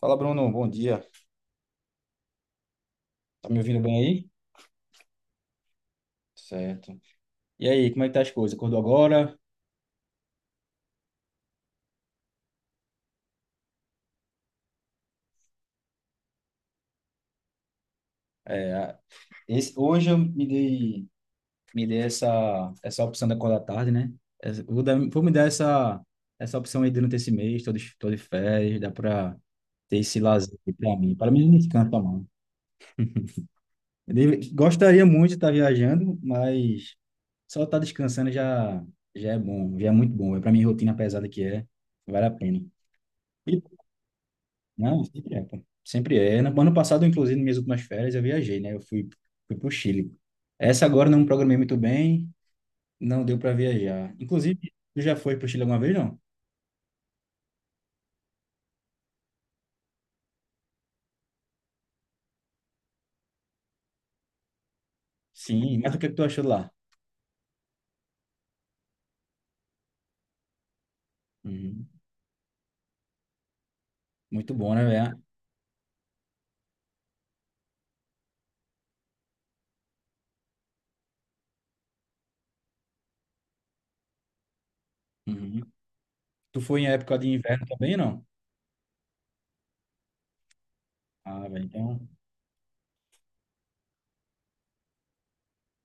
Fala, Bruno. Bom dia. Tá me ouvindo bem aí? Certo. E aí, como é que tá as coisas? Acordou agora? É, a- Hoje eu me dei essa opção da acordar tarde, né? Vou me dar essa opção aí durante esse mês todo, de tô de férias, dá pra ter esse lazer aqui pra mim. Para mim, me descansa, mano. Gostaria muito de estar viajando, mas só estar descansando já já é bom, já é muito bom. É pra minha rotina pesada que é, vale a pena. E Não, sempre é, pô. Sempre é. No ano passado, inclusive, nas minhas últimas férias, eu viajei, né? Fui pro Chile. Essa agora não programei muito bem, não deu para viajar. Inclusive, tu já foi pro Chile alguma vez, não? Sim, mas o que é que tu achou lá? Uhum. Muito bom, né, velho? Uhum. Tu foi em época de inverno também, não? Ah, velho, então,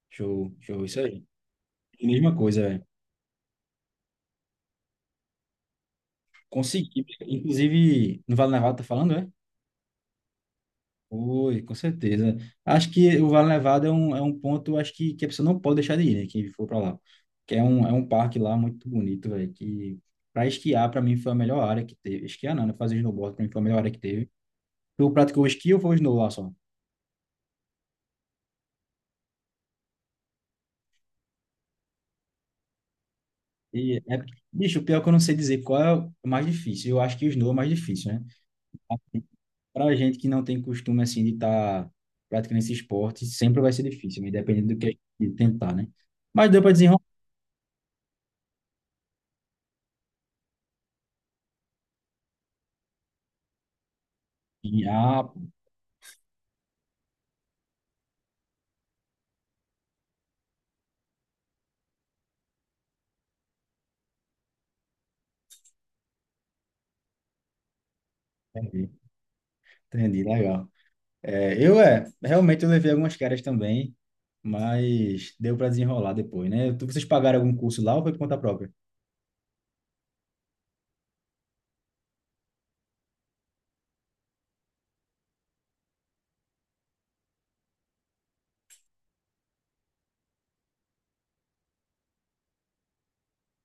show, show, isso aí. Mesma coisa, velho. Consegui, inclusive, no Vale Nevado tá falando, é? Oi, com certeza. Acho que o Vale Nevado é um ponto, acho que a pessoa não pode deixar de ir, né? Quem for para lá. Que é um parque lá muito bonito, velho. Que para esquiar, para mim, foi a melhor área que teve. Esquiar não, né? Fazer snowboard, para mim, foi a melhor área que teve. Tu praticou esqui ou foi snow lá só? E é, bicho, pior que eu não sei dizer qual é o mais difícil. Eu acho que o snow é o mais difícil, né? Pra gente que não tem costume, assim, de estar tá praticando esse esporte, sempre vai ser difícil, independente do que a gente tentar, né? Mas deu para desenrolar. Ah, pô, entendi, entendi, legal. Realmente, eu levei algumas caras também, mas deu para desenrolar depois, né? Vocês pagaram algum curso lá ou foi por conta própria?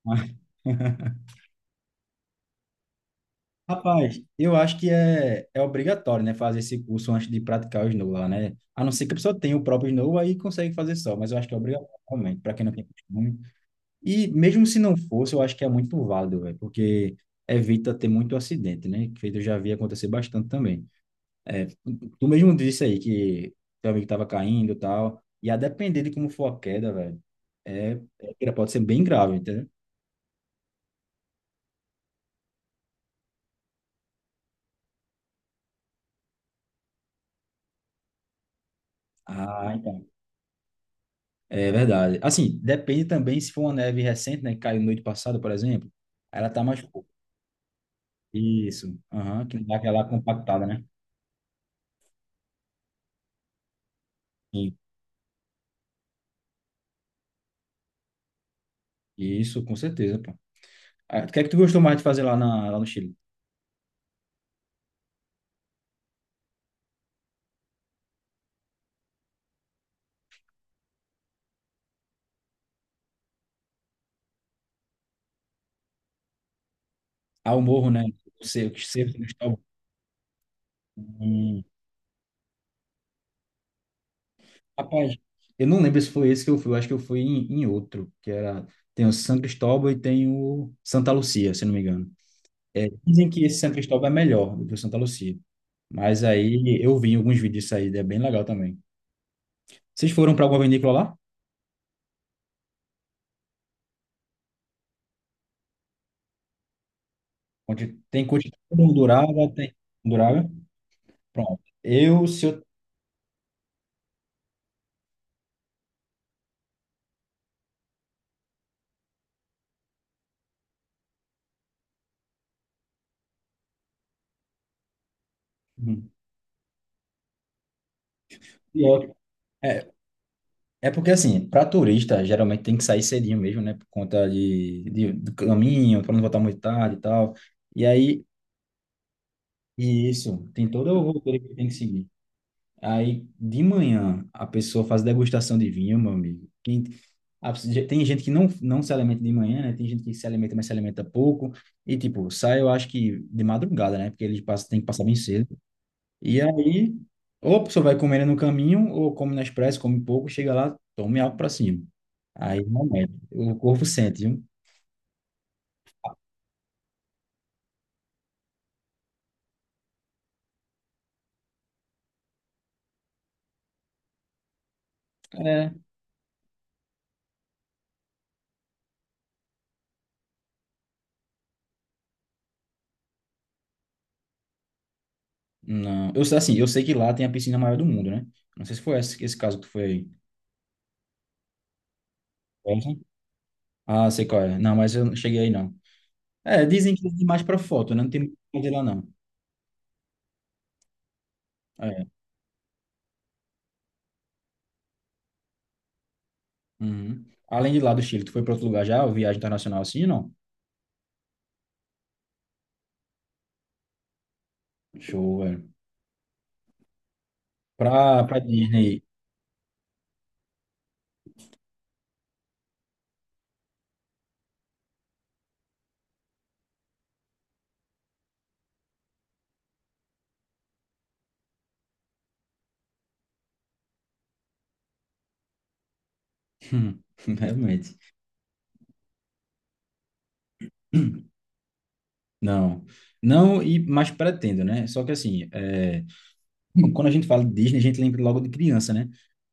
Mas- Rapaz, eu acho que é obrigatório, né, fazer esse curso antes de praticar o snow lá, né? A não ser que a pessoa tenha o próprio snow aí consegue fazer só, mas eu acho que é obrigatório realmente, para quem não tem costume. E mesmo se não fosse, eu acho que é muito válido, velho, porque evita ter muito acidente, né? Que eu já vi acontecer bastante também. Tu mesmo disse aí que teu amigo tava caindo e tal. E a depender de como for a queda, velho, é, pode ser bem grave, entendeu? Ah, então. É verdade. Assim, depende também se for uma neve recente, né? Que caiu noite passada, por exemplo. Ela tá mais pouco. Isso. Aham, que dá aquela compactada, né? Sim. Isso, com certeza, pô. Ah, o que é que tu gostou mais de fazer lá no Chile? Ah, o morro, né? O cerco, cerco, rapaz, eu não lembro se foi esse que eu fui, eu acho que eu fui em outro, que era, tem o São Cristóvão e tem o Santa Lucia, se não me engano. Dizem que esse São Cristóvão é melhor do que o Santa Lucia, mas aí eu vi alguns vídeos disso aí, é bem legal também. Vocês foram para alguma vinícola lá? Onde tem coisa Undurava, tem Undurava, pronto. Eu, se eu... Hum, pior. É, é porque assim, para turista, geralmente tem que sair cedinho mesmo, né, por conta do caminho, para não voltar muito tarde e tal. E aí E isso, tem toda a roteiro que tem que seguir. Aí, de manhã, a pessoa faz degustação de vinho, meu amigo. A- Tem gente que não se alimenta de manhã, né? Tem gente que se alimenta, mas se alimenta pouco. E, tipo, sai, eu acho que de madrugada, né? Porque eles passam, tem que passar bem cedo. E aí, ou a pessoa vai comendo no caminho, ou come na expresso, come pouco, chega lá, tome algo pra cima. Aí, realmente, o corpo sente, viu? É. Não, eu sei assim, eu sei que lá tem a piscina maior do mundo, né? Não sei se foi esse caso que tu foi aí. Ah, sei qual é. Não, mas eu não cheguei aí, não. É, dizem que é demais pra foto, né? Não tem muito pra de lá, não. É. Uhum. Além de lá do Chile, tu foi pra outro lugar já? Ou viagem internacional assim, não? Show, velho. Pra Disney. Hum, realmente. Hum, Não. Não, e mas pretendo, né? Só que assim, é, quando a gente fala de Disney, a gente lembra logo de criança, né?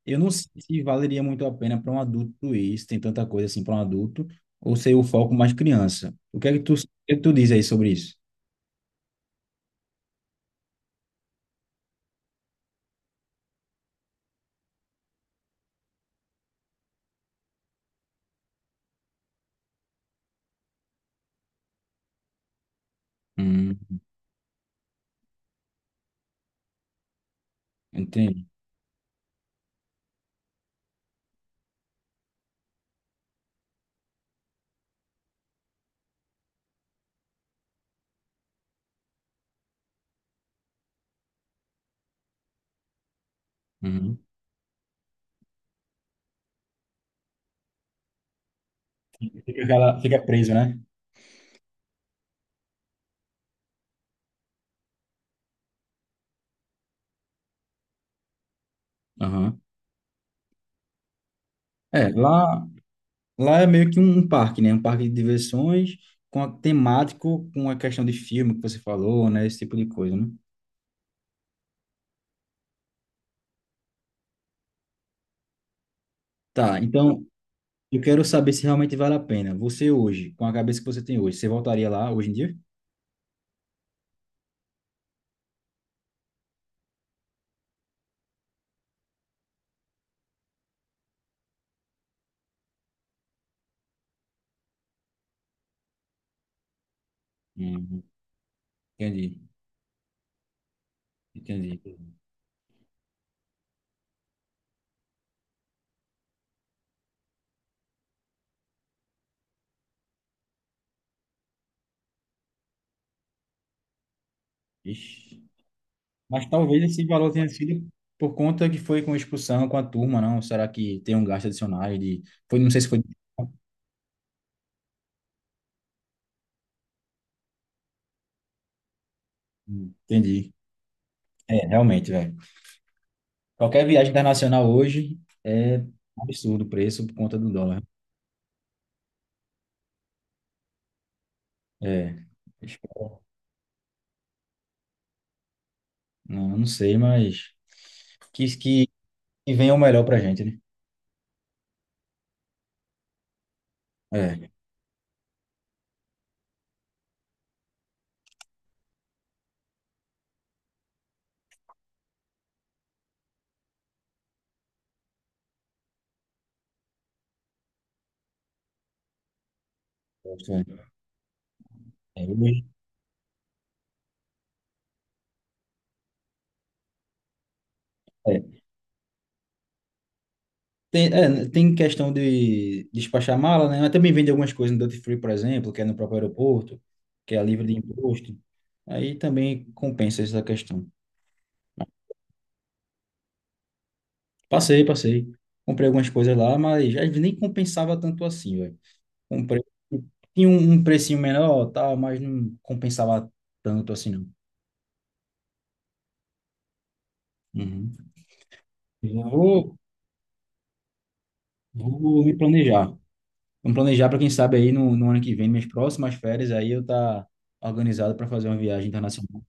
Eu não sei se valeria muito a pena para um adulto isso, tem tanta coisa assim para um adulto, ou ser o foco mais criança. O que é que tu diz aí sobre isso? Hum. Entendi. Uhum. Fica, aquela- fica preso, né? Aham. É, lá é meio que um parque, né? Um parque de diversões com a temático, com a questão de filme que você falou, né? Esse tipo de coisa, né? Tá, então eu quero saber se realmente vale a pena. Você hoje, com a cabeça que você tem hoje, você voltaria lá hoje em dia? Hum, entendi, entendi. Ixi. Mas talvez esse valor tenha sido por conta que foi com expulsão com a turma, não? Será que tem um gasto adicional de... Foi, não sei se foi... Entendi. É, realmente, velho. Qualquer viagem internacional hoje é um absurdo o preço por conta do dólar. É, espero- não, não sei, mas que, que, que venha o melhor pra gente, né? É, é, hoje- É. Tem, é, tem questão de despachar mala, né? Mas também vende algumas coisas no Duty Free, por exemplo, que é no próprio aeroporto, que é livre de imposto. Aí também compensa essa questão. Passei, passei. Comprei algumas coisas lá, mas às vezes nem compensava tanto assim, velho. Um preço. Tinha um precinho menor, tal, mas não compensava tanto assim, não. Uhum. Já vou, Vou me planejar. Vamos planejar para quem sabe aí no ano que vem, minhas próximas férias, aí eu tá organizado para fazer uma viagem internacional.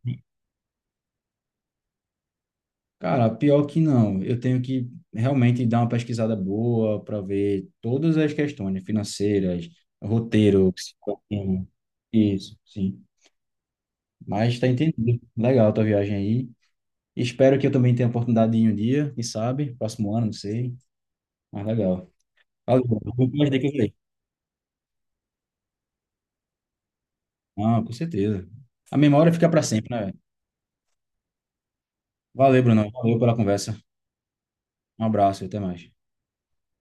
Cara, pior que não. Eu tenho que realmente dar uma pesquisada boa para ver todas as questões né, financeiras, roteiro, psicológico. Isso, sim. Mas tá entendido. Legal a tua viagem aí. Espero que eu também tenha a oportunidade de ir um dia, quem sabe, próximo ano, não sei. Mas legal. Valeu, Bruno. Muito mais dicas aí. Ah, com certeza. A memória fica para sempre, né, velho? Valeu, Bruno. Valeu pela conversa. Um abraço e até mais.